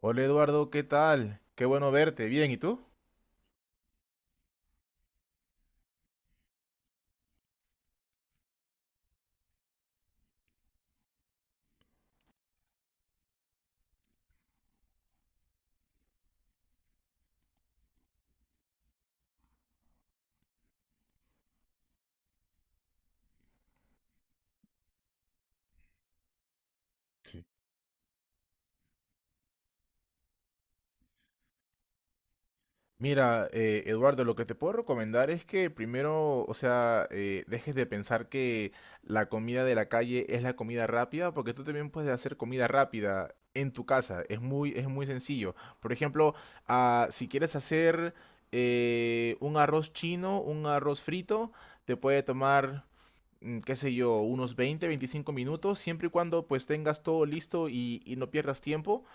Hola Eduardo, ¿qué tal? Qué bueno verte. Bien, ¿y tú? Sí. Mira, Eduardo, lo que te puedo recomendar es que primero, o sea, dejes de pensar que la comida de la calle es la comida rápida, porque tú también puedes hacer comida rápida en tu casa. Es muy sencillo. Por ejemplo, si quieres hacer un arroz chino, un arroz frito, te puede tomar, qué sé yo, unos 20, 25 minutos, siempre y cuando pues tengas todo listo y no pierdas tiempo.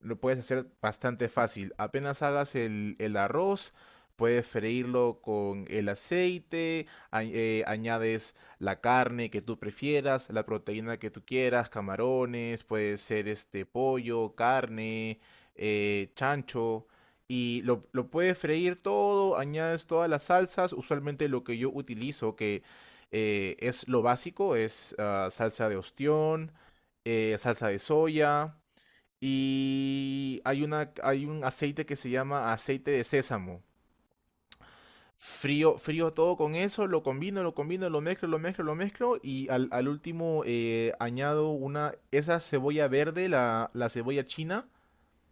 Lo puedes hacer bastante fácil. Apenas hagas el arroz, puedes freírlo con el aceite, añades la carne que tú prefieras, la proteína que tú quieras, camarones, puede ser este pollo, carne, chancho. Y lo puedes freír todo, añades todas las salsas. Usualmente lo que yo utilizo, que es lo básico, es salsa de ostión, salsa de soya. Y hay un aceite que se llama aceite de sésamo. Frío todo con eso, lo combino, lo mezclo y al último añado una, esa cebolla verde, la cebolla china,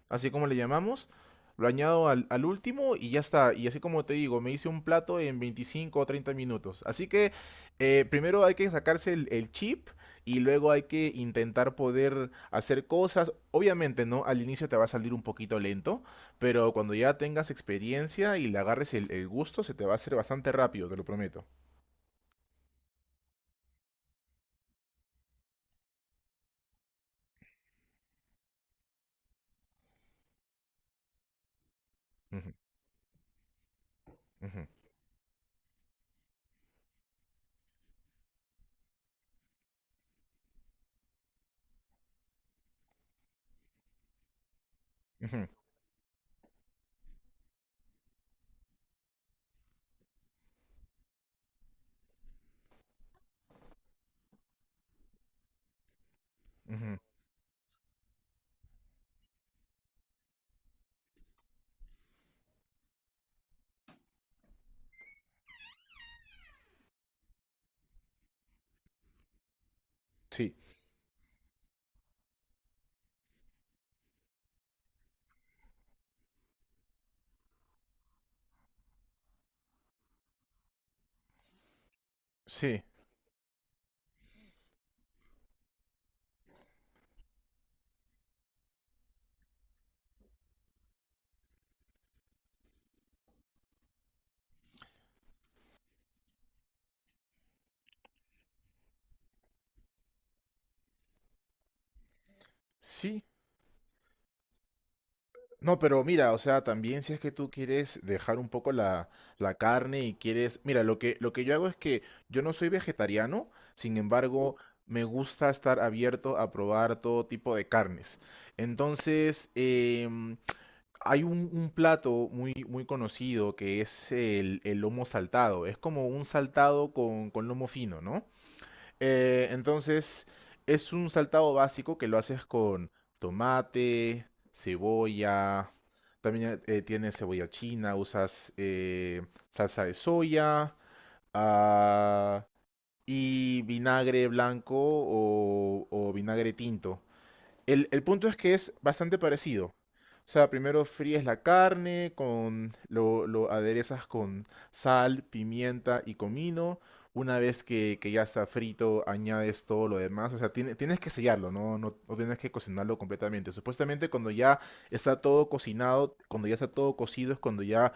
así como le llamamos. Lo añado al último y ya está. Y así como te digo, me hice un plato en 25 o 30 minutos. Así que primero hay que sacarse el chip y luego hay que intentar poder hacer cosas. Obviamente, ¿no? Al inicio te va a salir un poquito lento, pero cuando ya tengas experiencia y le agarres el gusto, se te va a hacer bastante rápido, te lo prometo. Ujú, ujú, ujú, ujú. Sí, sí, sí. No, pero mira, o sea, también si es que tú quieres dejar un poco la carne y quieres... Mira, lo que yo hago es que yo no soy vegetariano, sin embargo, me gusta estar abierto a probar todo tipo de carnes. Entonces, hay un plato muy, muy conocido que es el lomo saltado. Es como un saltado con lomo fino, ¿no? Entonces, es un saltado básico que lo haces con tomate, cebolla, también tiene cebolla china, usas salsa de soya ah, y vinagre blanco o vinagre tinto. El punto es que es bastante parecido. O sea, primero fríes la carne, con, lo aderezas con sal, pimienta y comino. Una vez que ya está frito, añades todo lo demás. O sea, tienes que sellarlo, ¿no? No, no tienes que cocinarlo completamente. Supuestamente cuando ya está todo cocinado, cuando ya está todo cocido, es cuando ya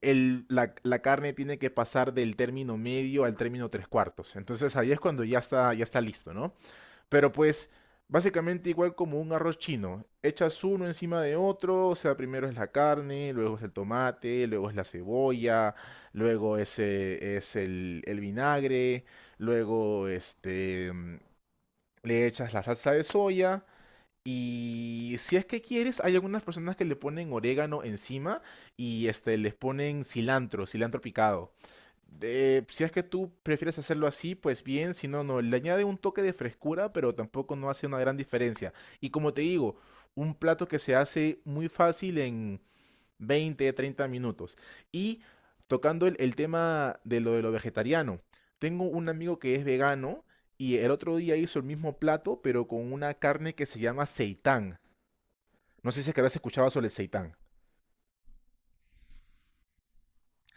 la carne tiene que pasar del término medio al término tres cuartos. Entonces ahí es cuando ya está listo, ¿no? Pero pues, básicamente igual como un arroz chino. Echas uno encima de otro, o sea, primero es la carne, luego es el tomate, luego es la cebolla, luego es el vinagre, luego este, le echas la salsa de soya. Y si es que quieres, hay algunas personas que le ponen orégano encima y este, les ponen cilantro, cilantro picado si es que tú prefieres hacerlo así, pues bien, si no, no, le añade un toque de frescura, pero tampoco no hace una gran diferencia. Y como te digo, un plato que se hace muy fácil en 20, 30 minutos. Y tocando el tema de lo vegetariano, tengo un amigo que es vegano y el otro día hizo el mismo plato, pero con una carne que se llama seitán. No sé si es que habrás escuchado sobre el seitán.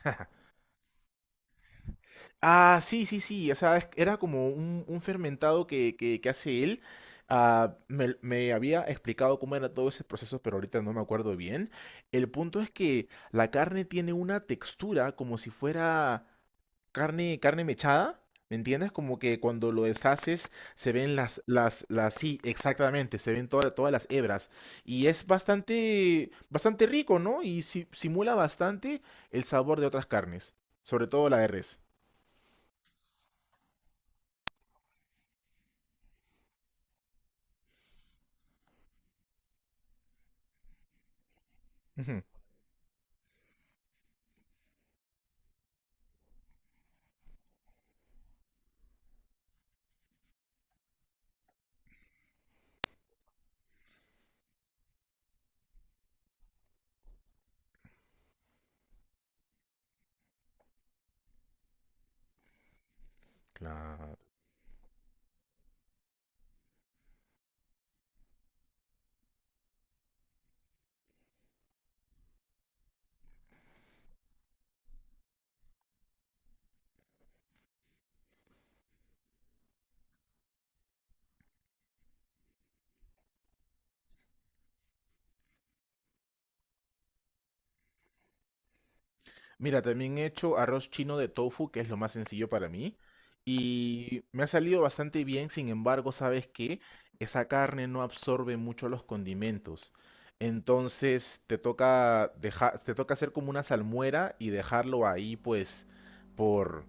Ah, sí, sí, sí. O sea, era como un fermentado que hace él. Ah, me había explicado cómo era todo ese proceso, pero ahorita no me acuerdo bien. El punto es que la carne tiene una textura como si fuera carne mechada. ¿Me entiendes? Como que cuando lo deshaces se ven sí, exactamente, se ven todas las hebras. Y es bastante, bastante rico, ¿no? Y simula bastante el sabor de otras carnes, sobre todo la de res. Claro. Mira, también he hecho arroz chino de tofu, que es lo más sencillo para mí, y me ha salido bastante bien, sin embargo, ¿sabes qué? Esa carne no absorbe mucho los condimentos. Entonces te toca hacer como una salmuera y dejarlo ahí, pues, por,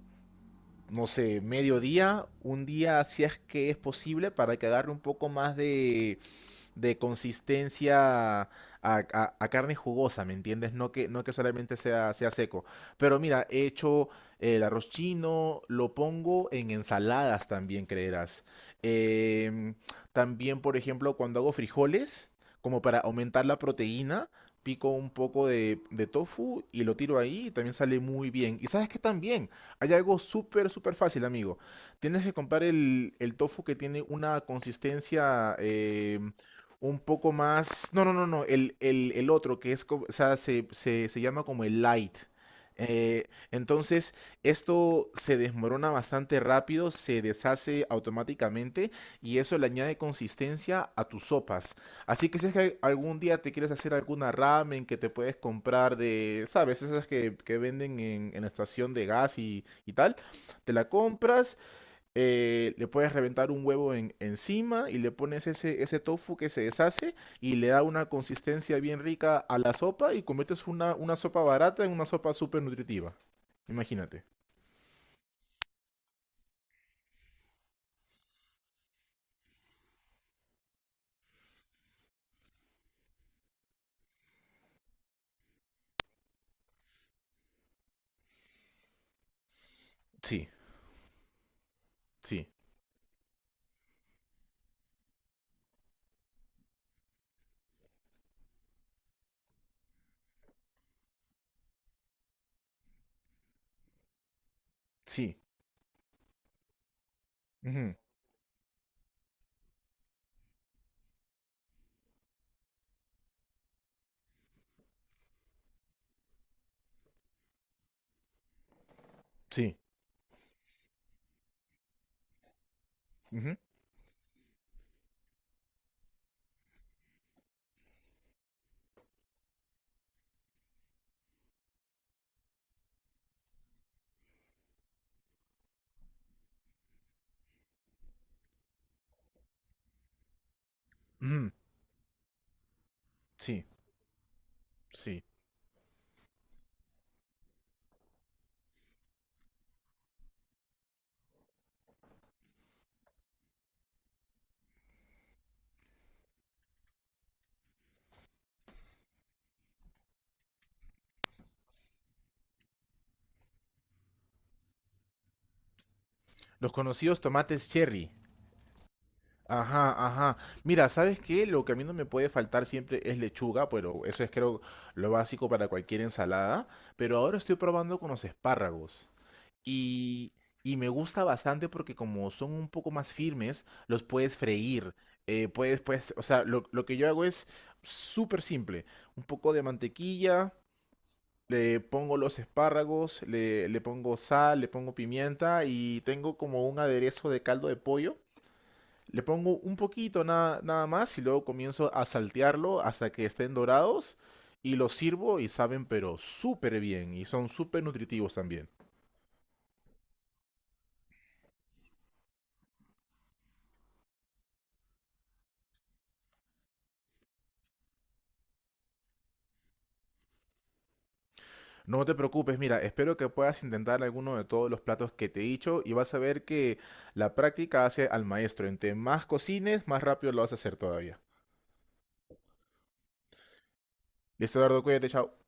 no sé, medio día, un día, si es que es posible, para que agarre un poco más de consistencia a, a carne jugosa, ¿me entiendes? No que solamente sea seco. Pero mira, he hecho el arroz chino, lo pongo en ensaladas también, creerás. Em, también, por ejemplo, cuando hago frijoles, como para aumentar la proteína, pico un poco de tofu y lo tiro ahí y también sale muy bien. Y sabes que también hay algo súper, súper fácil, amigo. Tienes que comprar el tofu que tiene una consistencia, un poco más. No, no, no, no. El otro, que es, o sea, se llama como el light. Eh, entonces, esto se desmorona bastante rápido, se deshace automáticamente y eso le añade consistencia a tus sopas. Así que si es que algún día te quieres hacer alguna ramen que te puedes comprar de, ¿sabes? Esas que venden en la estación de gas y tal, te la compras le puedes reventar un huevo encima y le pones ese, ese tofu que se deshace y le da una consistencia bien rica a la sopa y conviertes una sopa barata en una sopa súper nutritiva. Imagínate. Sí, sí, sí, ujú, sí, ujú, ujú, sí, sí. Los conocidos tomates cherry. Ajá, ajá. Mira, ¿sabes qué? Lo que a mí no me puede faltar siempre es lechuga, pero eso es creo lo básico para cualquier ensalada. Pero ahora estoy probando con los espárragos. Y, y me gusta bastante porque como son un poco más firmes, los puedes freír. Puedes, puedes, o sea, lo que yo hago es súper simple. Un poco de mantequilla, le pongo los espárragos, le pongo sal, le pongo pimienta y tengo como un aderezo de caldo de pollo. Le pongo un poquito nada más y luego comienzo a saltearlo hasta que estén dorados y los sirvo y saben pero súper bien y son súper nutritivos también. No te preocupes, mira, espero que puedas intentar alguno de todos los platos que te he dicho y vas a ver que la práctica hace al maestro. Entre más cocines, más rápido lo vas a hacer todavía. Listo, Eduardo, cuídate, chao.